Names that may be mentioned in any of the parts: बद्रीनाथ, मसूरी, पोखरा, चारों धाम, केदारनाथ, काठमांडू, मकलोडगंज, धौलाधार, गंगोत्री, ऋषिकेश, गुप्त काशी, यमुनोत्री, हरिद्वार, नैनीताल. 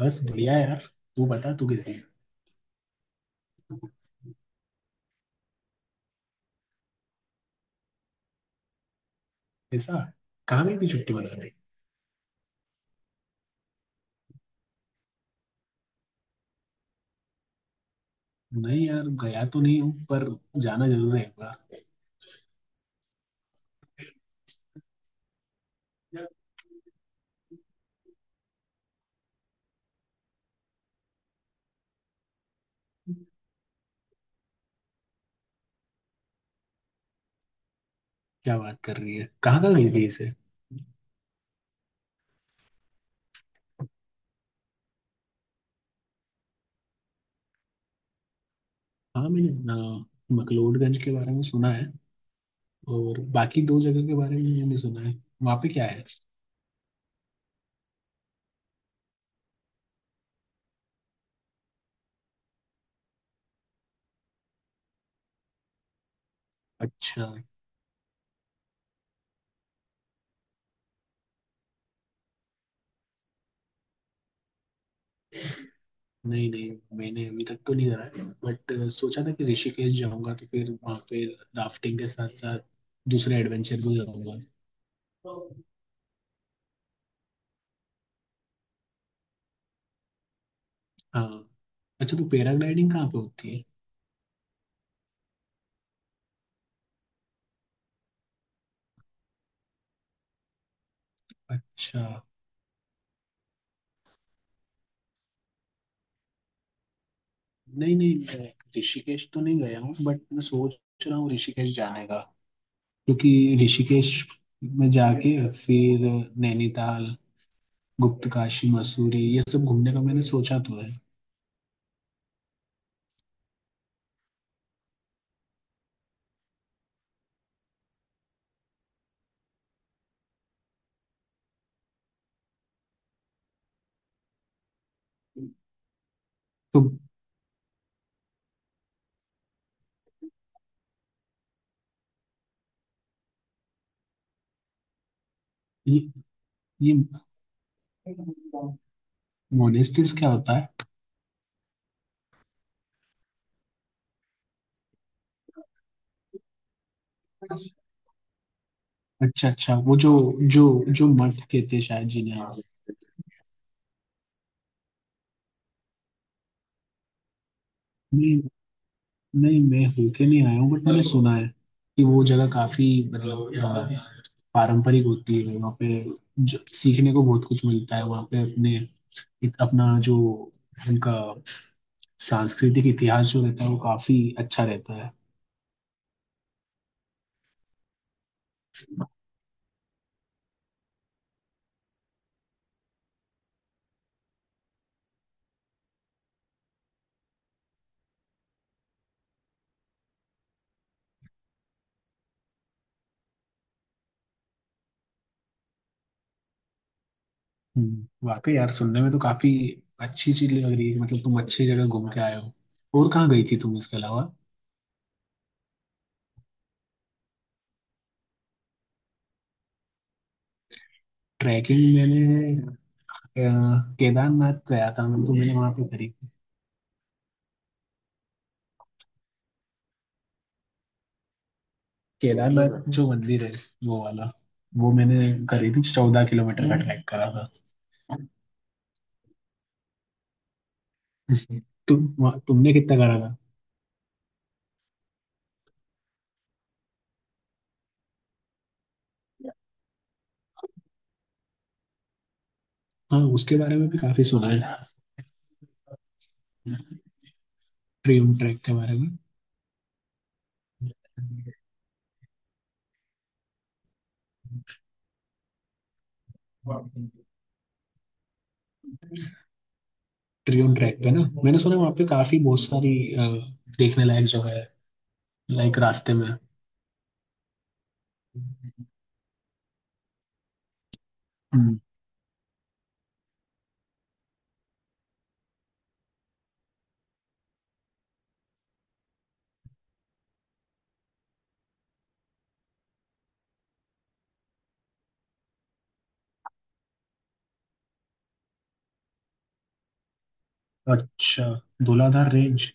बस बढ़िया है यार। तू बता, तू कैसी है? ऐसा? कहाँ गई थी छुट्टी बना रही? नहीं यार, गया तो नहीं हूँ पर जाना जरूर है एक बार। क्या बात कर रही है, कहाँ कहाँ गई थी इसे? हाँ, मैंने मकलोडगंज के बारे में सुना है और बाकी दो जगह के बारे में मैंने सुना है। वहाँ पे क्या है? अच्छा। नहीं नहीं, मैंने अभी तक तो नहीं करा है बट सोचा था कि ऋषिकेश जाऊंगा तो फिर वहाँ पे राफ्टिंग के साथ साथ दूसरे एडवेंचर भी करूंगा। हाँ। अच्छा, तो पैराग्लाइडिंग कहाँ पे होती है? अच्छा। नहीं नहीं, मैं ऋषिकेश तो नहीं गया हूँ बट मैं सोच रहा हूँ ऋषिकेश जाने का, क्योंकि ऋषिकेश में जाके फिर नैनीताल, गुप्त काशी, मसूरी ये सब घूमने का मैंने सोचा तो है। तो ये ये मोनेस्टिस क्या होता है? अच्छा अच्छा, वो जो जो जो मठ कहते हैं शायद जिन्हें। नहीं नहीं, मैं होके नहीं आया हूँ बट मैंने सुना है कि वो जगह काफी मतलब पारंपरिक होती है वहाँ पे। जो सीखने को बहुत कुछ मिलता है वहाँ पे अपने अपना जो उनका सांस्कृतिक इतिहास जो रहता है वो काफी अच्छा रहता है। वाकई यार, सुनने में तो काफी अच्छी चीज लग रही है। मतलब तुम अच्छी जगह घूम के आए हो। और कहाँ गई थी तुम इसके अलावा? ट्रैकिंग मैंने अ, केदारनाथ गया था, मतलब मैंने वहाँ पे करी। केदारनाथ जो मंदिर है वो वाला वो मैंने करी थी, 14 किलोमीटर का ट्रैक करा था। तुमने कितना करा था? हाँ उसके बारे में भी काफी सुना है, ट्रियोन ट्रैक के बारे में। ट्रियोन ट्रैक पे ना मैंने सुना है वहाँ पे काफी बहुत सारी देखने लायक जगह है, लाइक रास्ते में। हम्म। अच्छा, धौलाधार रेंज।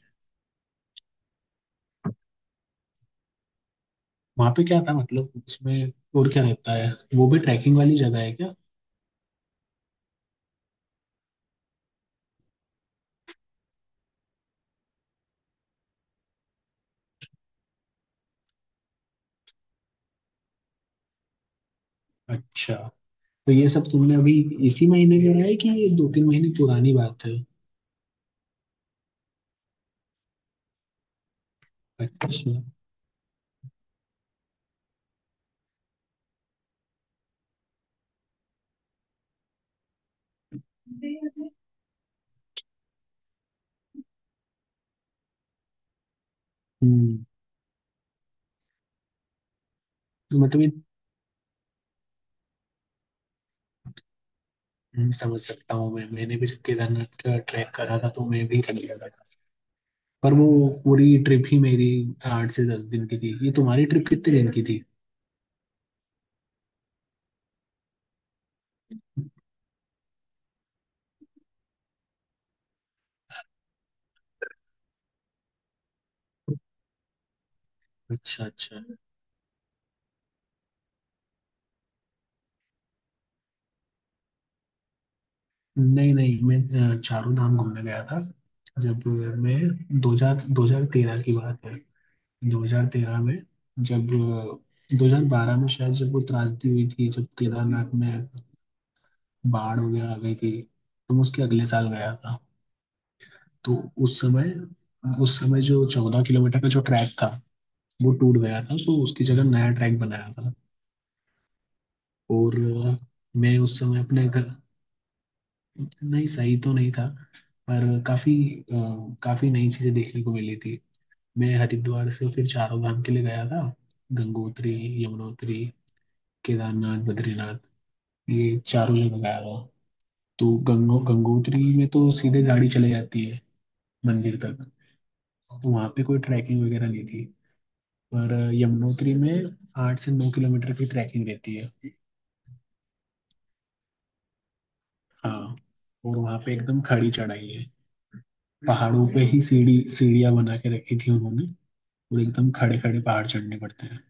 वहाँ पे क्या था, मतलब उसमें और क्या रहता है? वो भी ट्रैकिंग वाली जगह है क्या? अच्छा, तो ये सब तुमने अभी इसी महीने करा है कि ये दो तीन महीने पुरानी बात है? अच्छा। हम्म तो मतलब ये। समझ सकता हूँ मैं। मैंने भी जब केदारनाथ का ट्रैक करा था तो मैं भी थक गया था, पर वो पूरी ट्रिप ही मेरी 8 से 10 दिन की थी। ये तुम्हारी ट्रिप कितने दिन की थी? अच्छा अच्छा। नहीं नहीं, मैं चारों धाम घूमने गया था। जब मैं 2000 2013 की बात है। 2013 में जब 2012 में शायद जब वो त्रासदी हुई थी जब केदारनाथ में बाढ़ वगैरह आ गई थी, तो मैं उसके अगले साल गया था। तो उस समय, उस समय जो 14 किलोमीटर का जो ट्रैक था वो टूट गया था तो उसकी जगह नया ट्रैक बनाया था। और मैं उस समय अपने घर। नहीं सही तो नहीं था पर काफी काफी नई चीजें देखने को मिली थी। मैं हरिद्वार से फिर चारों धाम के लिए गया था, गंगोत्री, यमुनोत्री, केदारनाथ, बद्रीनाथ, ये चारों जगह गया था। तो गंगोत्री में तो सीधे गाड़ी चले जाती है मंदिर तक। तो वहां पे कोई ट्रैकिंग वगैरह नहीं थी, पर यमुनोत्री में 8 से 9 किलोमीटर की ट्रैकिंग रहती है। हाँ। और वहाँ पे एकदम खड़ी चढ़ाई है। पहाड़ों पे ही सीढ़ी सीढ़ियाँ बना के रखी थी उन्होंने, और एकदम खड़े खड़े पहाड़ चढ़ने पड़ते हैं।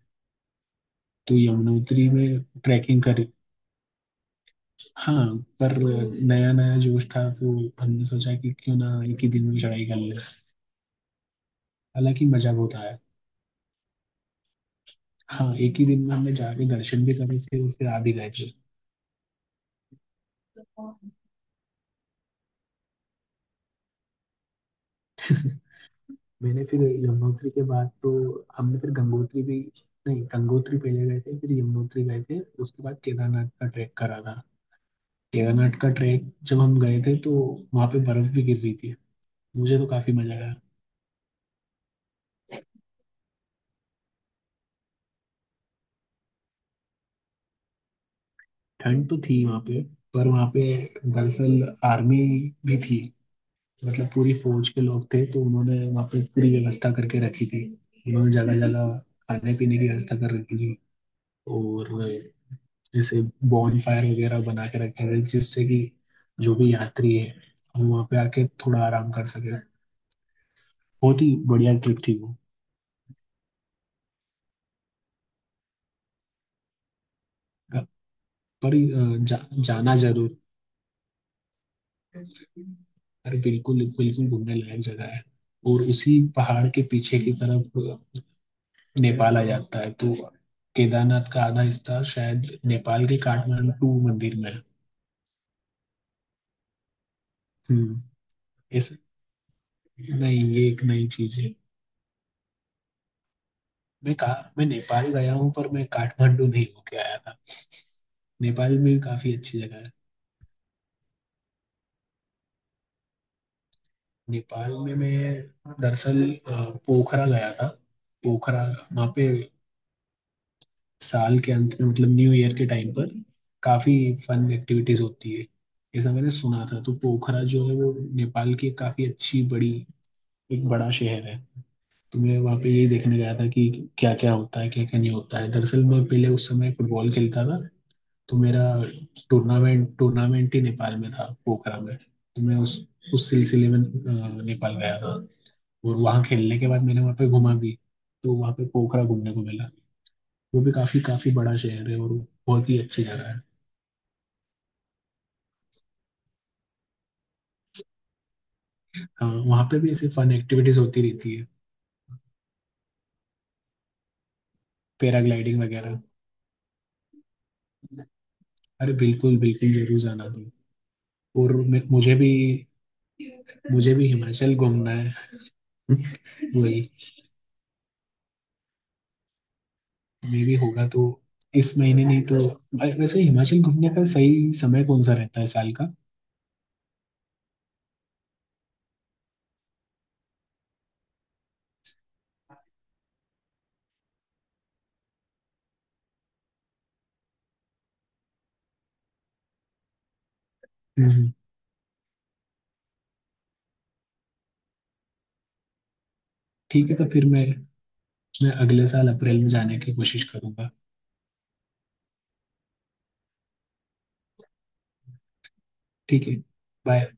तो यमुनोत्री में ट्रैकिंग करी। हाँ, पर नया नया जोश था तो हमने सोचा कि क्यों ना एक ही दिन में चढ़ाई कर ले। हालांकि मजा बहुत आया। हाँ, एक ही दिन में हमने जाके दर्शन भी करे थे और फिर आ भी गए थे। मैंने फिर यमुनोत्री के बाद तो हमने फिर गंगोत्री भी। नहीं, गंगोत्री पहले गए थे फिर यमुनोत्री गए थे, उसके बाद केदारनाथ का ट्रैक करा था। केदारनाथ का ट्रैक जब हम गए थे तो वहाँ पे बर्फ भी गिर रही थी। मुझे तो काफी मजा आया। ठंड तो थी वहाँ पे, पर वहाँ पे दरअसल आर्मी भी थी। मतलब पूरी फौज के लोग थे तो उन्होंने वहाँ पे पूरी व्यवस्था करके रखी थी। उन्होंने जगह जगह खाने पीने की व्यवस्था कर रखी थी। और जैसे बॉनफायर वगैरह बना के रखे हैं जिससे कि जो भी यात्री है वो वहाँ पे आके थोड़ा आराम कर सके। बहुत ही बढ़िया ट्रिप थी वो। पर जाना जरूर। अरे, बिल्कुल बिल्कुल, घूमने लायक जगह है। और उसी पहाड़ के पीछे की तरफ नेपाल आ जाता है तो केदारनाथ का आधा हिस्सा शायद नेपाल के काठमांडू मंदिर में है। हम्म। इस नहीं, ये एक नई चीज है। मैं कहा मैं नेपाल गया हूँ पर मैं काठमांडू नहीं होके आया था। नेपाल में काफी अच्छी जगह है। नेपाल में मैं दरअसल पोखरा गया था, पोखरा। वहाँ पे साल के अंत में मतलब न्यू ईयर के टाइम पर काफी फन एक्टिविटीज होती है, ऐसा मैंने सुना था। तो पोखरा जो है वो नेपाल की एक काफी अच्छी बड़ी एक बड़ा शहर है। तो मैं वहाँ पे यही देखने गया था कि क्या क्या होता है क्या क्या नहीं होता है। दरअसल मैं पहले उस समय फुटबॉल खेलता था तो मेरा टूर्नामेंट टूर्नामेंट ही नेपाल में था, पोखरा में। तो मैं उस सिलसिले में नेपाल गया था और वहाँ खेलने के बाद मैंने वहाँ पे घूमा भी। तो वहाँ पे पोखरा घूमने को मिला। वो भी काफी काफी बड़ा शहर है और वो बहुत ही अच्छी जगह है। हाँ, वहाँ पे भी ऐसे फन एक्टिविटीज होती रहती है, पैराग्लाइडिंग वगैरह। अरे बिल्कुल बिल्कुल, जरूर जाना तुम। और मुझे भी, मुझे भी हिमाचल घूमना है। वही मे भी होगा तो। इस महीने नहीं तो वैसे हिमाचल घूमने का सही समय कौन सा रहता है साल का? हम्म। ठीक है, तो फिर मैं अगले साल अप्रैल में जाने की कोशिश करूंगा। ठीक है। बाय।